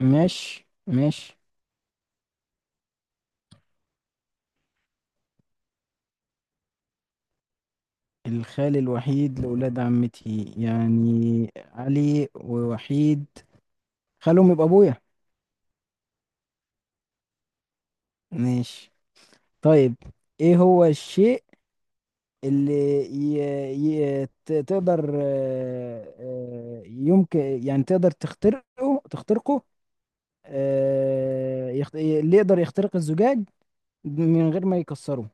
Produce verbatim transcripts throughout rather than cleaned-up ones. مش مش. الخال الوحيد لأولاد عمتي، يعني علي ووحيد، خالهم يبقى أبويا. ماشي. طيب، إيه هو الشيء اللي ي... ي... ت- تقدر، آه، آه، يمكن يعني تقدر تخترقه تخترقه، آه، يخت... اللي يقدر يخترق الزجاج من غير ما يكسره؟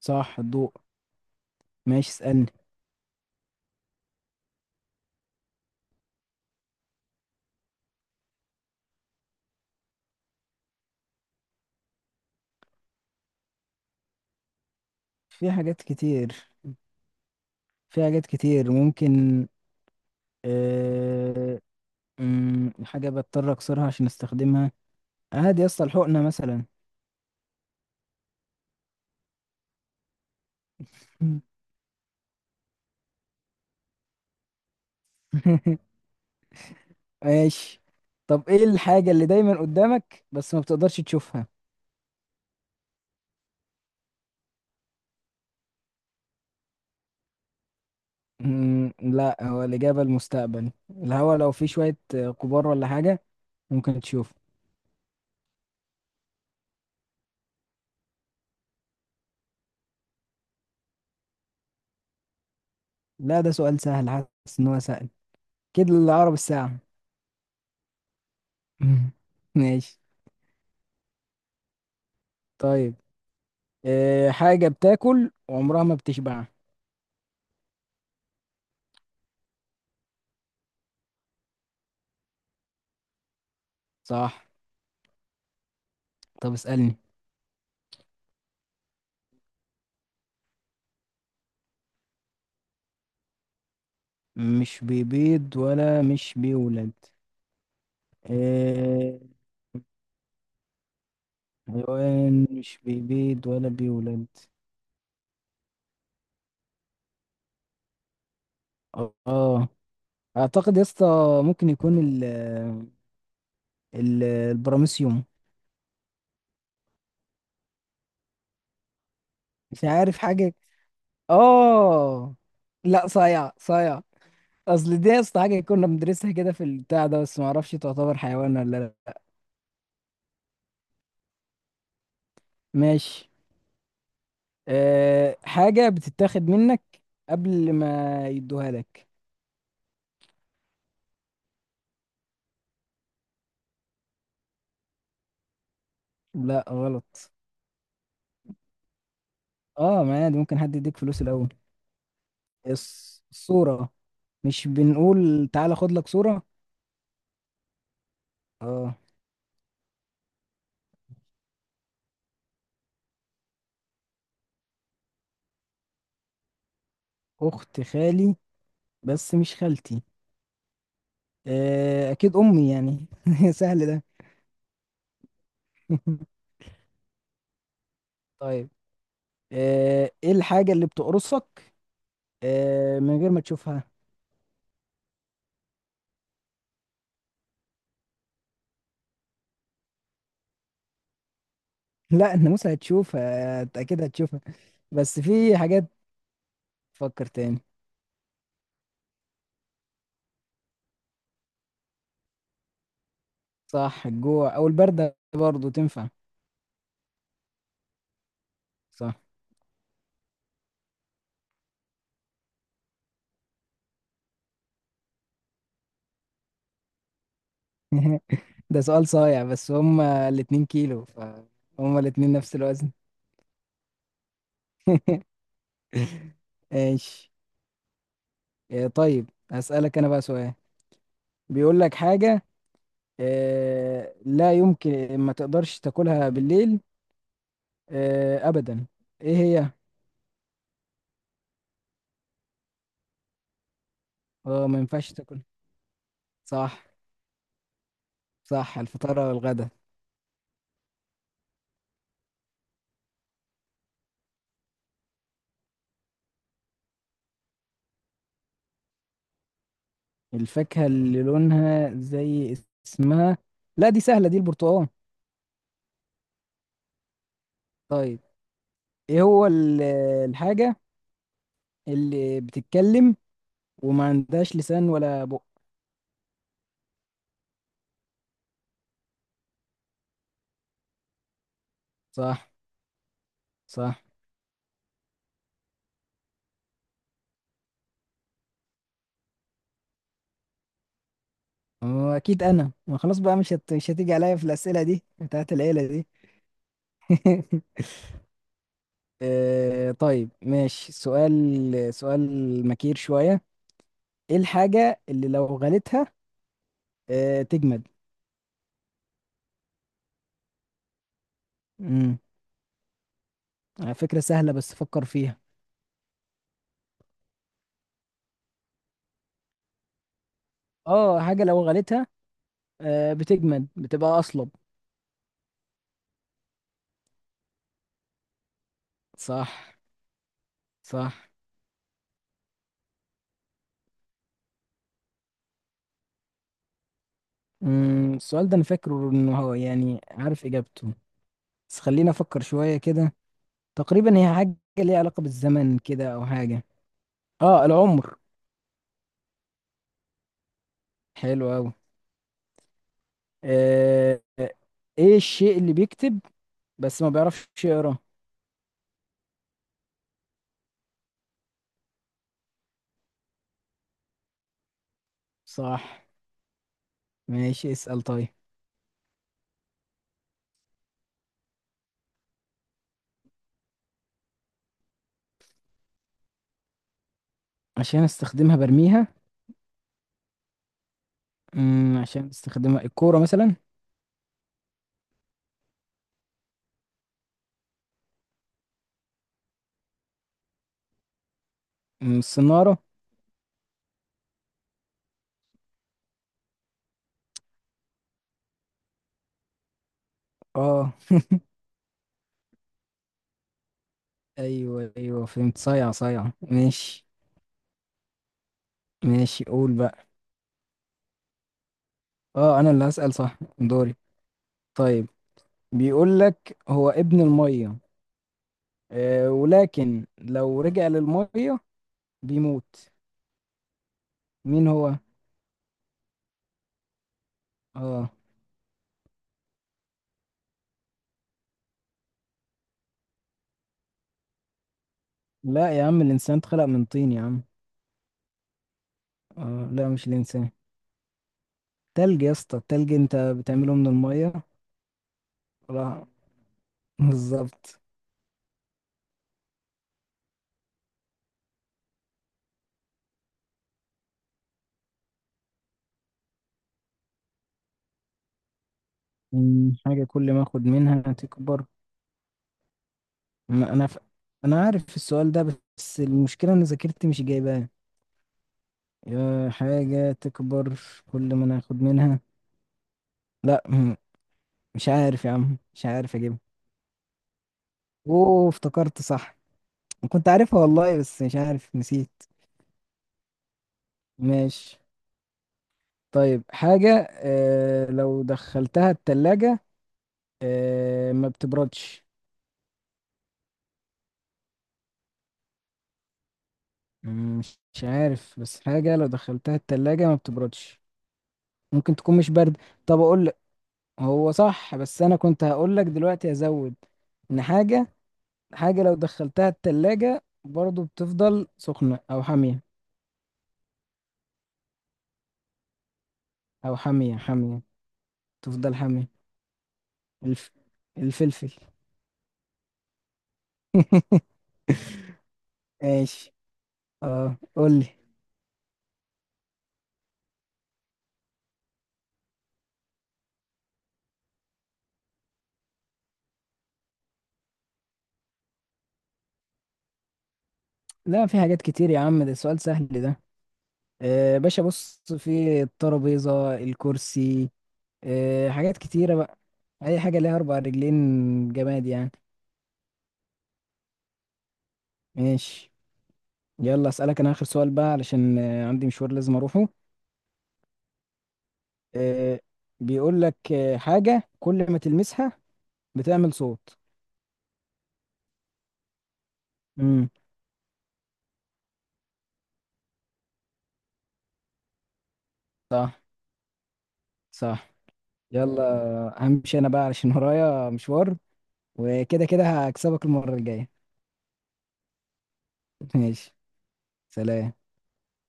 صح، الضوء. ماشي، اسألني. في حاجات كتير في حاجات كتير ممكن. آه، امم حاجة بضطر اكسرها عشان استخدمها. عادي يا اسطى، الحقنة مثلا. مم. ماشي. طب، ايه الحاجة اللي دايما قدامك بس ما بتقدرش تشوفها؟ امم لا، هو الإجابة المستقبل الهوا لو فيه شوية آه، غبار ولا حاجة، ممكن تشوف. لا، ده سؤال سهل، حاسس ان هو سهل كده، اللي اقرب الساعة. مم. ماشي. طيب، إيه حاجة بتاكل وعمرها ما بتشبع؟ صح. طب اسألني. مش بيبيض ولا مش بيولد. إيه، حيوان مش بيبيض ولا بيولد. اه، اعتقد يا اسطى ممكن يكون ال ال البراميسيوم. مش عارف حاجه. اه، لا، صايع صايع. اصل دي يا اسطى حاجه كنا بندرسها كده في البتاع ده، بس ما اعرفش تعتبر حيوان ولا لا. ماشي. أه، حاجه بتتاخد منك قبل ما يدوها لك. لا، غلط. اه، ما عادي ممكن حد يديك فلوس الاول. الص- الصورة. مش بنقول تعالى خد لك صورة؟ اه، اخت خالي بس مش خالتي. آه، اكيد امي يعني، سهل ده. طيب، آه، ايه الحاجة اللي بتقرصك آه، من غير ما تشوفها؟ لا، الناموسة هتشوفها، هت- اكيد هتشوفها. بس في حاجات، تفكر تاني. صح، الجوع او البردة برضو تنفع. صح. ده سؤال صايع بس هما الاتنين كيلو فهما الاتنين نفس الوزن. ايش. آه، طيب، هسألك أنا بقى سؤال، بيقول لك حاجة، آه، لا يمكن ما تقدرش تاكلها بالليل آه، أبدا. إيه هي؟ اه، ما ينفعش تاكلها. صح. صح الفطار والغدا. الفاكهة اللي لونها زي اسمها، لا دي سهلة، دي البرتقال. طيب، إيه هو ال- الحاجة اللي بتتكلم وما عندهاش لسان ولا بق؟ صح. صح. هو أكيد أنا، ما خلاص بقى، مش هت... مش هتيجي عليا في الأسئلة دي بتاعت العيلة دي. آه طيب، ماشي، سؤال سؤال مكير شوية. ايه الحاجة اللي لو غليتها آه تجمد؟ امم على فكرة سهلة بس فكر فيها. اه، حاجة لو غليتها آه بتجمد بتبقى أصلب. صح. صح. امم السؤال ده انا فاكره انه هو يعني عارف اجابته، بس خلينا افكر شوية كده. تقريبا هي حاجة ليها علاقة بالزمن كده او حاجة. اه، العمر. حلو اوي. آه آه، ايه الشيء اللي بيكتب بس ما بيعرفش يقرا؟ صح. ماشي، اسأل طيب. عشان استخدمها برميها. امم عشان استخدمها، الكورة مثلا. أمم، الصنارة. اه، ايوه ايوه فهمت، صيع صيع، ماشي. ماشي، قول بقى. اه، انا اللي هسأل، صح دوري. طيب، بيقول لك هو ابن المية آه ولكن لو رجع للمية بيموت. مين هو؟ اه، لا يا عم، الانسان اتخلق من طين يا عم. اه لا، مش الانسان. تلج يا اسطى، التلج انت بتعمله من المية. لا، بالظبط. مم، حاجة كل ما اخد منها تكبر. ما انا ف... انا عارف السؤال ده بس المشكلة ان ذاكرتي مش جايباه. يا حاجة تكبر كل ما انا اخد منها. لا، مم، مش عارف يا عم، مش عارف اجيبها. اوه افتكرت، صح، كنت عارفها والله بس مش عارف نسيت. ماشي. طيب، حاجة آه لو دخلتها التلاجة آه ما بتبردش. مم، مش مش عارف، بس حاجة لو دخلتها التلاجة ما بتبردش. ممكن تكون مش برد. طب اقول، هو صح بس انا كنت هقول لك دلوقتي ازود ان حاجه حاجه لو دخلتها التلاجة برضو بتفضل سخنه او حاميه، او حاميه حاميه، تفضل حاميه. الف... الفلفل. ماشي. اه، قول لي. لا، في حاجات كتير يا عم، ده سؤال سهل ده. آه باشا بص في الترابيزه، الكرسي، آه حاجات كتيره بقى. اي حاجه ليها اربع رجلين، جماد يعني. ماشي. يلا اسالك انا اخر سؤال بقى علشان آه، عندي مشوار لازم اروحه. آه، بيقول لك آه، حاجة كل ما تلمسها بتعمل صوت. امم. صح. صح. يلا همشي انا بقى علشان ورايا مشوار، وكده كده هكسبك المرة الجاية. ماشي. سلام.